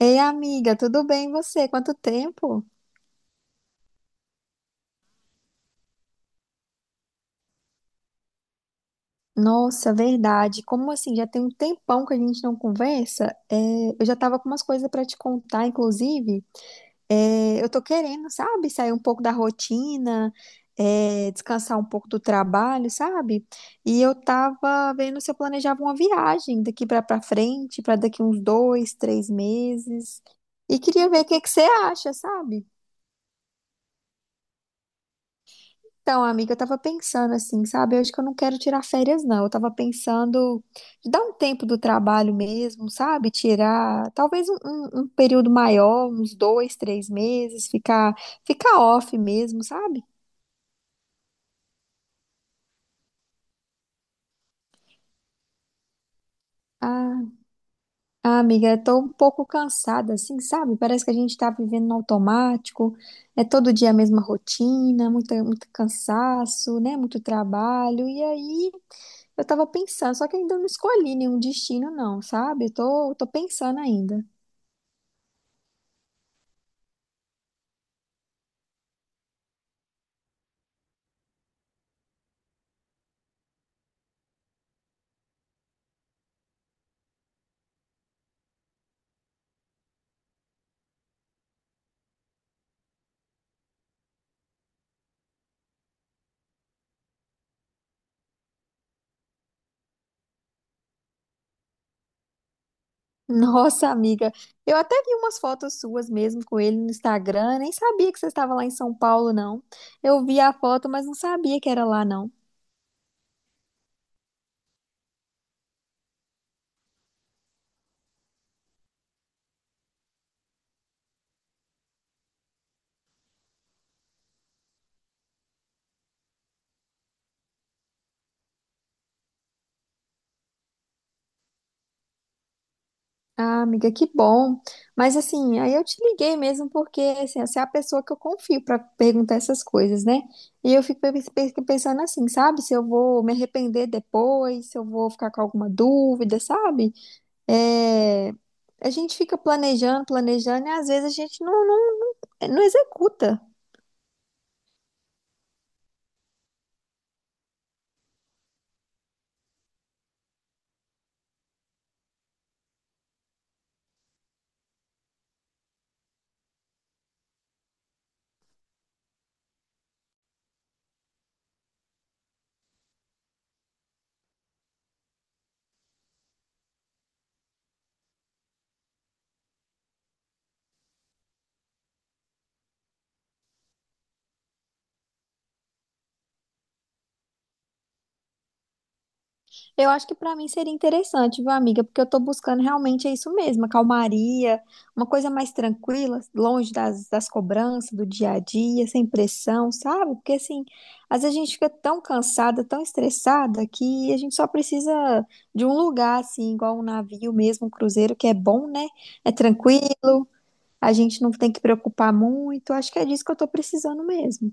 Ei, amiga, tudo bem e você? Quanto tempo? Nossa, verdade. Como assim? Já tem um tempão que a gente não conversa. Eu já tava com umas coisas pra te contar, inclusive. Eu tô querendo, sabe, sair um pouco da rotina, descansar um pouco do trabalho, sabe? E eu tava vendo se eu planejava uma viagem daqui pra, pra frente, pra daqui uns dois, três meses. E queria ver o que que você acha, sabe? Então, amiga, eu tava pensando assim, sabe? Eu acho que eu não quero tirar férias, não. Eu tava pensando de dar um tempo do trabalho mesmo, sabe? Tirar talvez um período maior, uns dois, três meses, ficar off mesmo, sabe? Ah, ah, amiga, eu tô um pouco cansada, assim, sabe? Parece que a gente tá vivendo no automático, é todo dia a mesma rotina, muito cansaço, né? Muito trabalho, e aí. Eu tava pensando, só que ainda não escolhi nenhum destino, não, sabe? Tô pensando ainda. Nossa, amiga, eu até vi umas fotos suas mesmo com ele no Instagram, nem sabia que você estava lá em São Paulo, não. Eu vi a foto, mas não sabia que era lá, não. Ah, amiga, que bom. Mas assim, aí eu te liguei mesmo porque assim, você é a pessoa que eu confio pra perguntar essas coisas, né? E eu fico pensando assim, sabe? Se eu vou me arrepender depois, se eu vou ficar com alguma dúvida, sabe? É, a gente fica planejando, e às vezes a gente não executa. Eu acho que para mim seria interessante, viu, amiga? Porque eu tô buscando realmente é isso mesmo, a calmaria, uma coisa mais tranquila, longe das cobranças do dia a dia, sem pressão, sabe? Porque assim, às vezes a gente fica tão cansada, tão estressada, que a gente só precisa de um lugar, assim, igual um navio mesmo, um cruzeiro, que é bom, né? É tranquilo. A gente não tem que preocupar muito. Acho que é disso que eu estou precisando mesmo.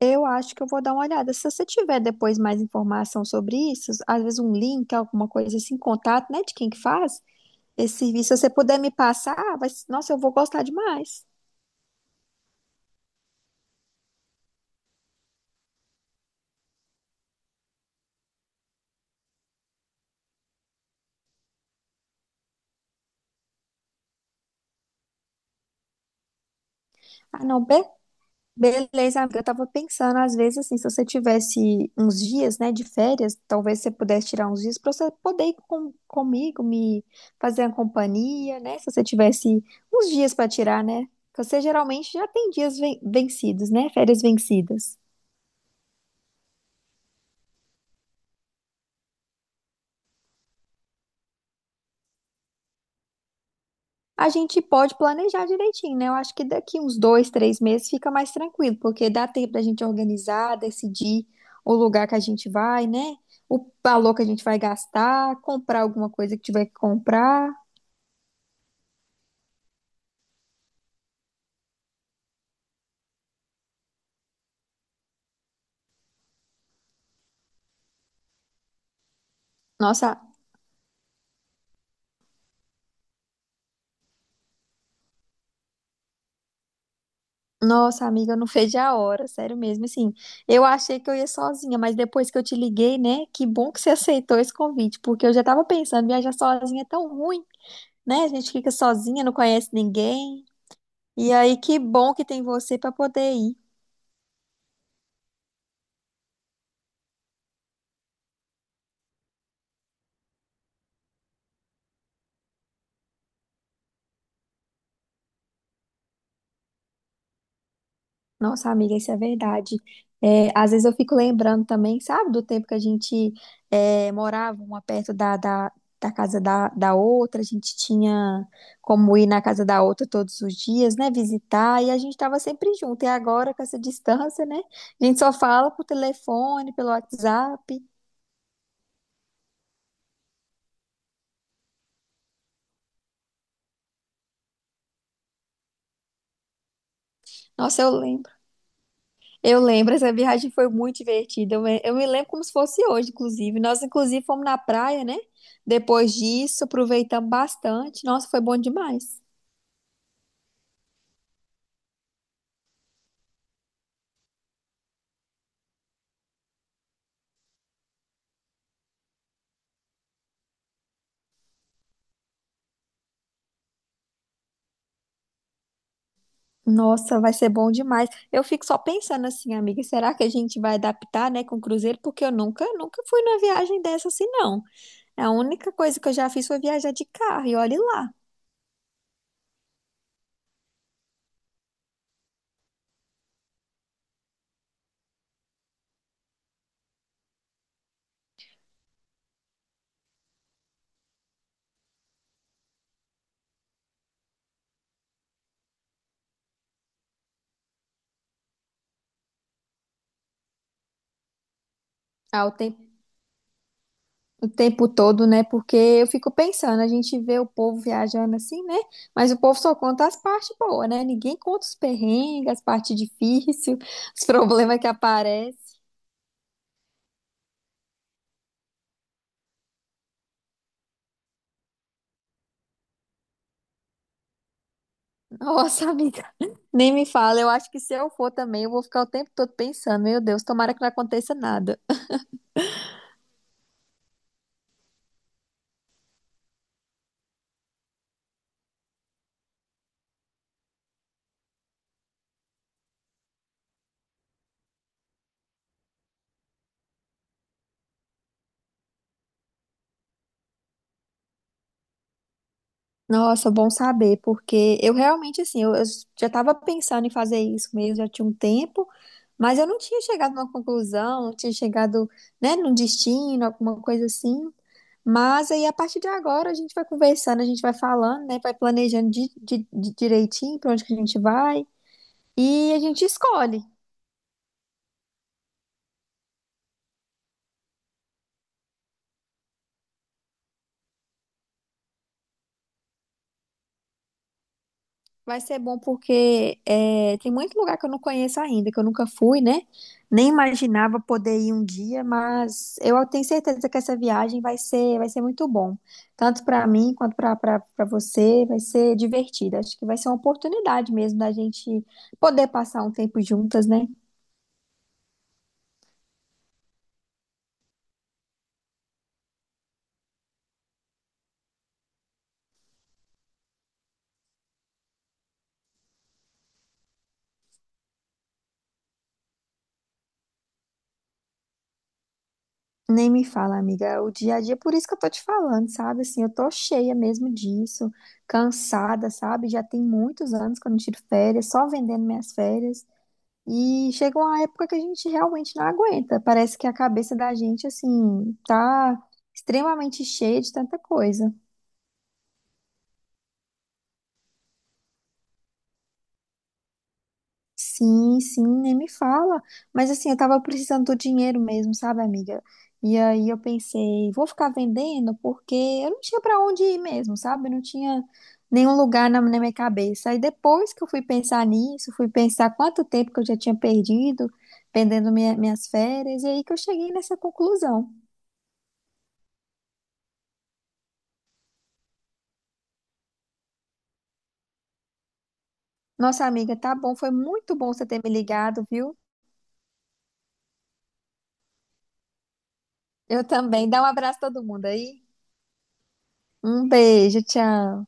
Eu acho que eu vou dar uma olhada. Se você tiver depois mais informação sobre isso, às vezes um link, alguma coisa assim, contato, né, de quem que faz esse serviço, se você puder me passar, vai, nossa, eu vou gostar demais. Ah, não, Beleza, amiga. Eu tava pensando, às vezes, assim, se você tivesse uns dias, né, de férias, talvez você pudesse tirar uns dias pra você poder ir comigo, me fazer a companhia, né? Se você tivesse uns dias pra tirar, né? Porque você geralmente já tem dias vencidos, né? Férias vencidas. A gente pode planejar direitinho, né? Eu acho que daqui uns dois, três meses fica mais tranquilo, porque dá tempo da gente organizar, decidir o lugar que a gente vai, né? O valor que a gente vai gastar, comprar alguma coisa que tiver que comprar. Nossa, nossa amiga, eu não fez a hora, sério mesmo. Assim, eu achei que eu ia sozinha, mas depois que eu te liguei, né? Que bom que você aceitou esse convite, porque eu já tava pensando, viajar sozinha é tão ruim, né? A gente fica sozinha, não conhece ninguém. E aí, que bom que tem você para poder ir. Nossa, amiga, isso é verdade. É, às vezes eu fico lembrando também, sabe, do tempo que a gente morava uma perto da casa da outra, a gente tinha como ir na casa da outra todos os dias, né, visitar, e a gente estava sempre junto. E agora, com essa distância, né, a gente só fala por telefone, pelo WhatsApp. Nossa, eu lembro. Eu lembro, essa viagem foi muito divertida. Eu me lembro como se fosse hoje, inclusive. Nós, inclusive, fomos na praia, né? Depois disso, aproveitamos bastante. Nossa, foi bom demais. Nossa, vai ser bom demais. Eu fico só pensando assim, amiga, será que a gente vai adaptar, né, com o cruzeiro? Porque eu nunca fui numa viagem dessa assim, não. A única coisa que eu já fiz foi viajar de carro, e olhe lá. Ah, o tempo. O tempo todo, né? Porque eu fico pensando, a gente vê o povo viajando assim, né? Mas o povo só conta as partes boas, né? Ninguém conta os perrengues, as partes difíceis, os problemas que aparecem. Nossa, amiga, nem me fala. Eu acho que se eu for também, eu vou ficar o tempo todo pensando, meu Deus, tomara que não aconteça nada. Nossa, bom saber, porque eu realmente, assim, eu já estava pensando em fazer isso mesmo, já tinha um tempo, mas eu não tinha chegado numa conclusão, não tinha chegado, né, num destino, alguma coisa assim. Mas aí, a partir de agora, a gente vai conversando, a gente vai falando, né? Vai planejando direitinho para onde que a gente vai. E a gente escolhe. Vai ser bom porque é, tem muito lugar que eu não conheço ainda, que eu nunca fui, né? Nem imaginava poder ir um dia, mas eu tenho certeza que essa viagem vai vai ser muito bom. Tanto para mim quanto para você, vai ser divertida. Acho que vai ser uma oportunidade mesmo da gente poder passar um tempo juntas, né? Nem me fala, amiga, é o dia a dia, por isso que eu tô te falando, sabe? Assim, eu tô cheia mesmo disso, cansada, sabe? Já tem muitos anos que eu não tiro férias, só vendendo minhas férias. E chega uma época que a gente realmente não aguenta. Parece que a cabeça da gente, assim, tá extremamente cheia de tanta coisa. Sim, sim, nem me fala. Mas assim, eu tava precisando do dinheiro mesmo, sabe, amiga? E aí eu pensei, vou ficar vendendo porque eu não tinha pra onde ir mesmo, sabe? Eu não tinha nenhum lugar na minha cabeça. Aí depois que eu fui pensar nisso, fui pensar quanto tempo que eu já tinha perdido, vendendo minhas férias, e aí que eu cheguei nessa conclusão. Nossa, amiga, tá bom, foi muito bom você ter me ligado, viu? Eu também. Dá um abraço a todo mundo aí. Um beijo, tchau.